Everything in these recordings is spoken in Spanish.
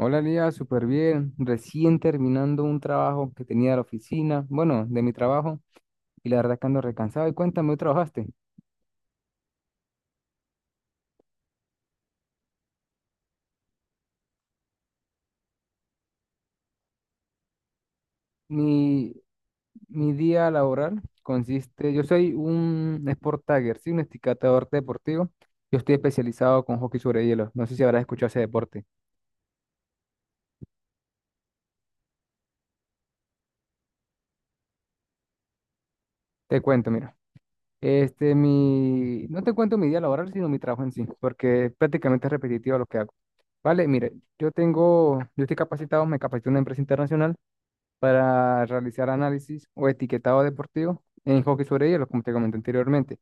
Hola Lía, súper bien. Recién terminando un trabajo que tenía de la oficina, bueno, de mi trabajo, y la verdad que ando recansado. Y cuéntame, ¿hoy trabajaste? Mi, mi día laboral consiste, yo soy un sport tagger, sí, un esticatador deportivo. Yo estoy especializado con hockey sobre hielo. No sé si habrás escuchado ese deporte. Te cuento, mira. Mi, no te cuento mi día laboral, sino mi trabajo en sí, porque prácticamente es repetitivo lo que hago. Vale, mire, yo tengo, yo estoy capacitado, me capacité en una empresa internacional para realizar análisis o etiquetado deportivo en hockey sobre hielo, como te comenté anteriormente.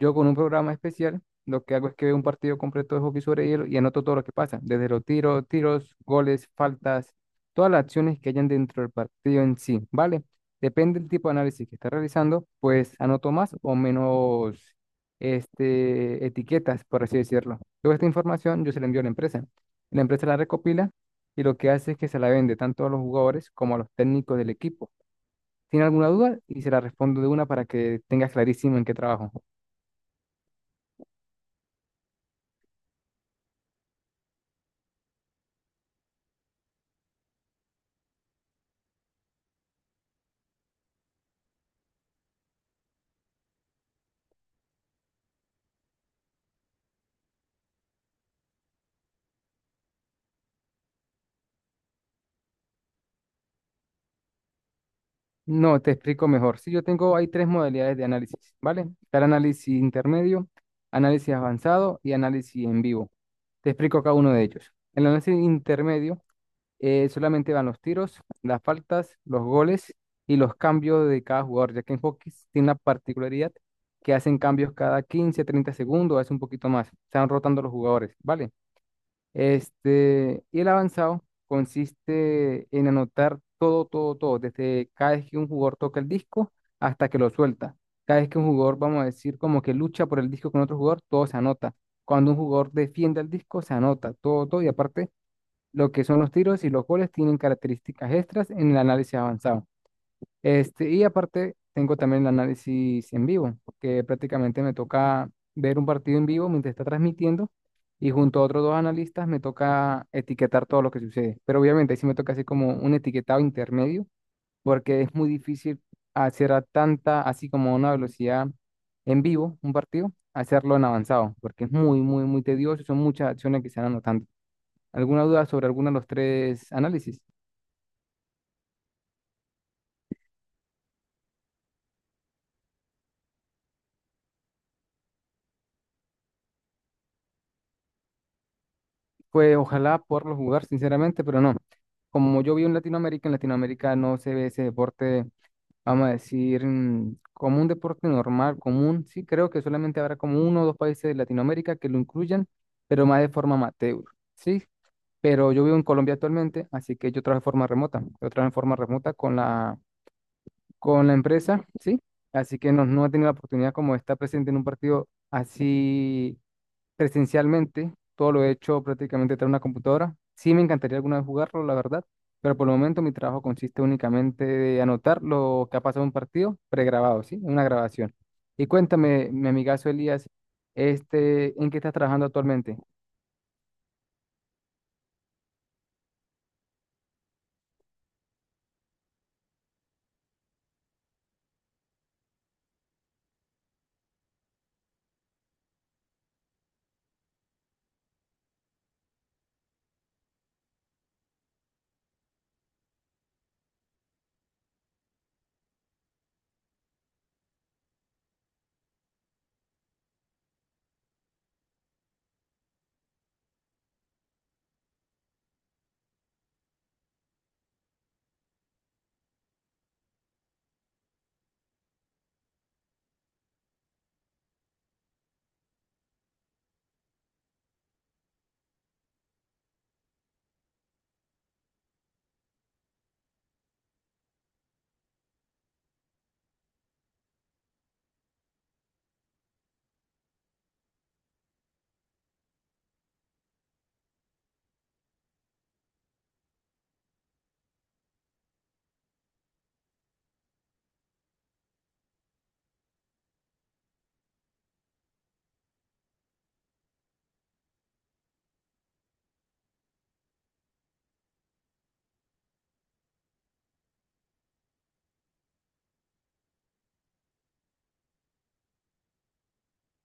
Yo con un programa especial, lo que hago es que veo un partido completo de hockey sobre hielo y anoto todo lo que pasa, desde los tiros, goles, faltas, todas las acciones que hayan dentro del partido en sí, ¿vale? Depende del tipo de análisis que esté realizando, pues anoto más o menos etiquetas, por así decirlo. Toda esta información yo se la envío a la empresa. La empresa la recopila y lo que hace es que se la vende tanto a los jugadores como a los técnicos del equipo. ¿Tiene alguna duda? Y se la respondo de una para que tengas clarísimo en qué trabajo. No, te explico mejor. Sí, yo tengo, hay tres modalidades de análisis, ¿vale? Está el análisis intermedio, análisis avanzado y análisis en vivo. Te explico cada uno de ellos. El análisis intermedio solamente van los tiros, las faltas, los goles y los cambios de cada jugador, ya que en hockey tiene una particularidad que hacen cambios cada 15, 30 segundos, hace un poquito más, se van rotando los jugadores, ¿vale? Y el avanzado consiste en anotar todo, todo, todo, desde cada vez que un jugador toca el disco hasta que lo suelta. Cada vez que un jugador, vamos a decir, como que lucha por el disco con otro jugador, todo se anota. Cuando un jugador defiende el disco, se anota todo, todo, y aparte lo que son los tiros y los goles tienen características extras en el análisis avanzado. Y aparte, tengo también el análisis en vivo, que prácticamente me toca ver un partido en vivo mientras está transmitiendo y junto a otros dos analistas me toca etiquetar todo lo que sucede. Pero obviamente ahí sí me toca hacer como un etiquetado intermedio, porque es muy difícil hacer a tanta, así como a una velocidad en vivo, un partido, hacerlo en avanzado, porque es muy, muy, muy tedioso, son muchas acciones que se van anotando. ¿Alguna duda sobre alguno de los tres análisis? Pues ojalá poderlo jugar, sinceramente, pero no. Como yo vi en Latinoamérica no se ve ese deporte, vamos a decir, como un deporte normal, común. Sí, creo que solamente habrá como uno o dos países de Latinoamérica que lo incluyan, pero más de forma amateur. Sí, pero yo vivo en Colombia actualmente, así que yo trabajo de forma remota. Yo trabajo en forma remota con la empresa, sí. Así que no, no he tenido la oportunidad como de estar presente en un partido así presencialmente, todo lo he hecho prácticamente tras una computadora. Sí me encantaría alguna vez jugarlo, la verdad, pero por el momento mi trabajo consiste únicamente de anotar lo que ha pasado en un partido pregrabado, ¿sí? En una grabación. Y cuéntame, mi amigazo Elías, ¿en qué estás trabajando actualmente?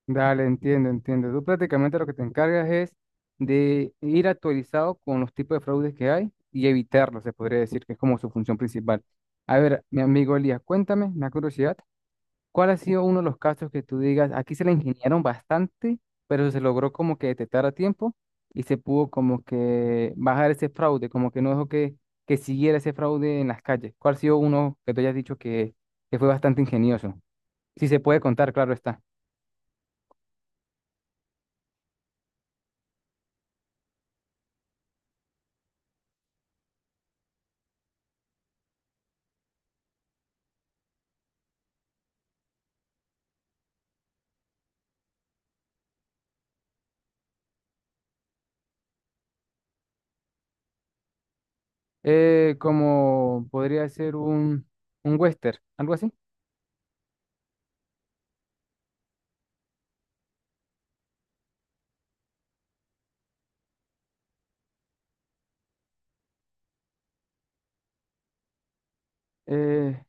Dale, entiendo, entiendo. Tú prácticamente lo que te encargas es de ir actualizado con los tipos de fraudes que hay y evitarlos, se podría decir que es como su función principal. A ver, mi amigo Elías, cuéntame, me da curiosidad, ¿cuál ha sido uno de los casos que tú digas, aquí se la ingeniaron bastante, pero se logró como que detectar a tiempo y se pudo como que bajar ese fraude, como que no dejó que siguiera ese fraude en las calles? ¿Cuál ha sido uno que tú hayas dicho que fue bastante ingenioso? Si se puede contar, claro está. ¿Como podría ser un western, algo así? Eh,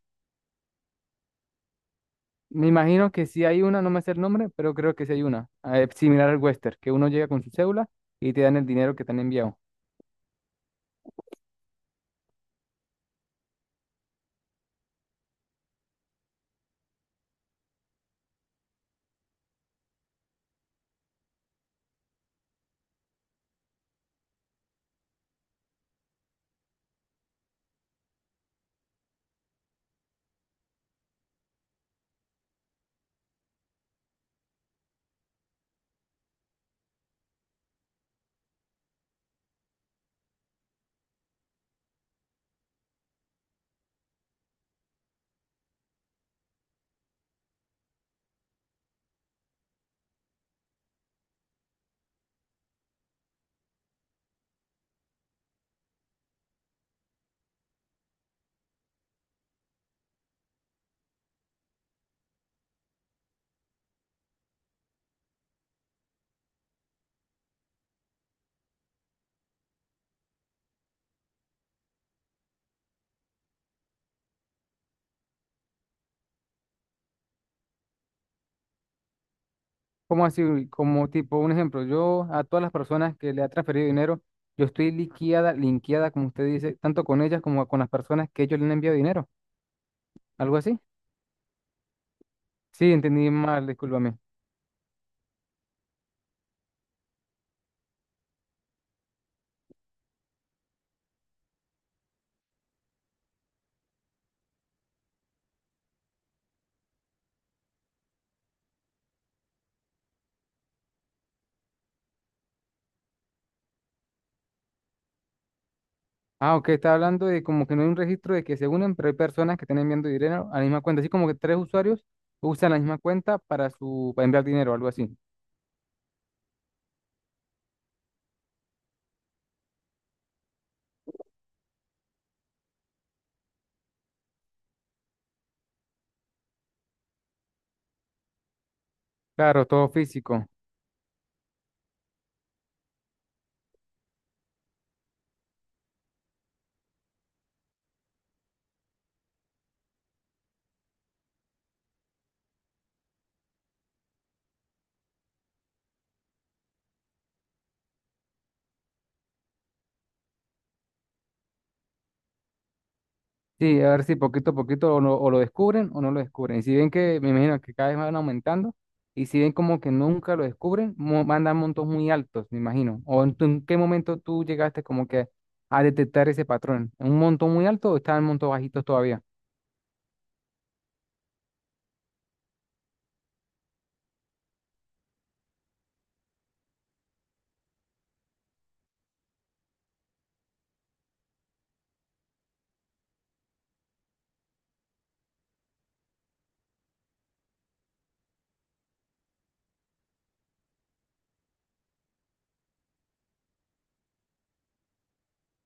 me imagino que sí hay una, no me sé el nombre, pero creo que sí hay una, similar al western, que uno llega con su cédula y te dan el dinero que te han enviado. ¿Como así? Como tipo, un ejemplo, yo a todas las personas que le ha transferido dinero, yo estoy liqueada, linkeada, como usted dice, tanto con ellas como con las personas que ellos le han enviado dinero. ¿Algo así? Sí, entendí mal, discúlpame. Ah, ok, está hablando de como que no hay un registro de que se unen, pero hay personas que están enviando dinero a la misma cuenta. Así como que tres usuarios usan la misma cuenta para su, para enviar dinero, algo así. Claro, todo físico. Sí, a ver si poquito a poquito o, no- o lo descubren o no lo descubren. Y si ven que, me imagino que cada vez van aumentando, y si ven como que nunca lo descubren, mo- mandan montos muy altos, me imagino. ¿O en, tu- en qué momento tú llegaste como que a detectar ese patrón? ¿Un monto muy alto o estaban montos bajitos todavía?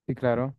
Sí, claro.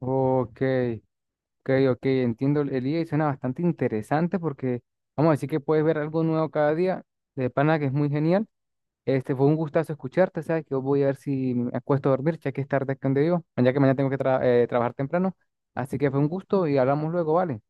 Ok, ok, ok, entiendo el día y suena bastante interesante porque vamos a decir que puedes ver algo nuevo cada día, de pana que es muy genial. Este fue un gustazo escucharte, ¿sabes? Que yo voy a ver si me acuesto a dormir, ya que es tarde aquí donde vivo, ya que mañana tengo que trabajar temprano. Así que fue un gusto y hablamos luego, ¿vale?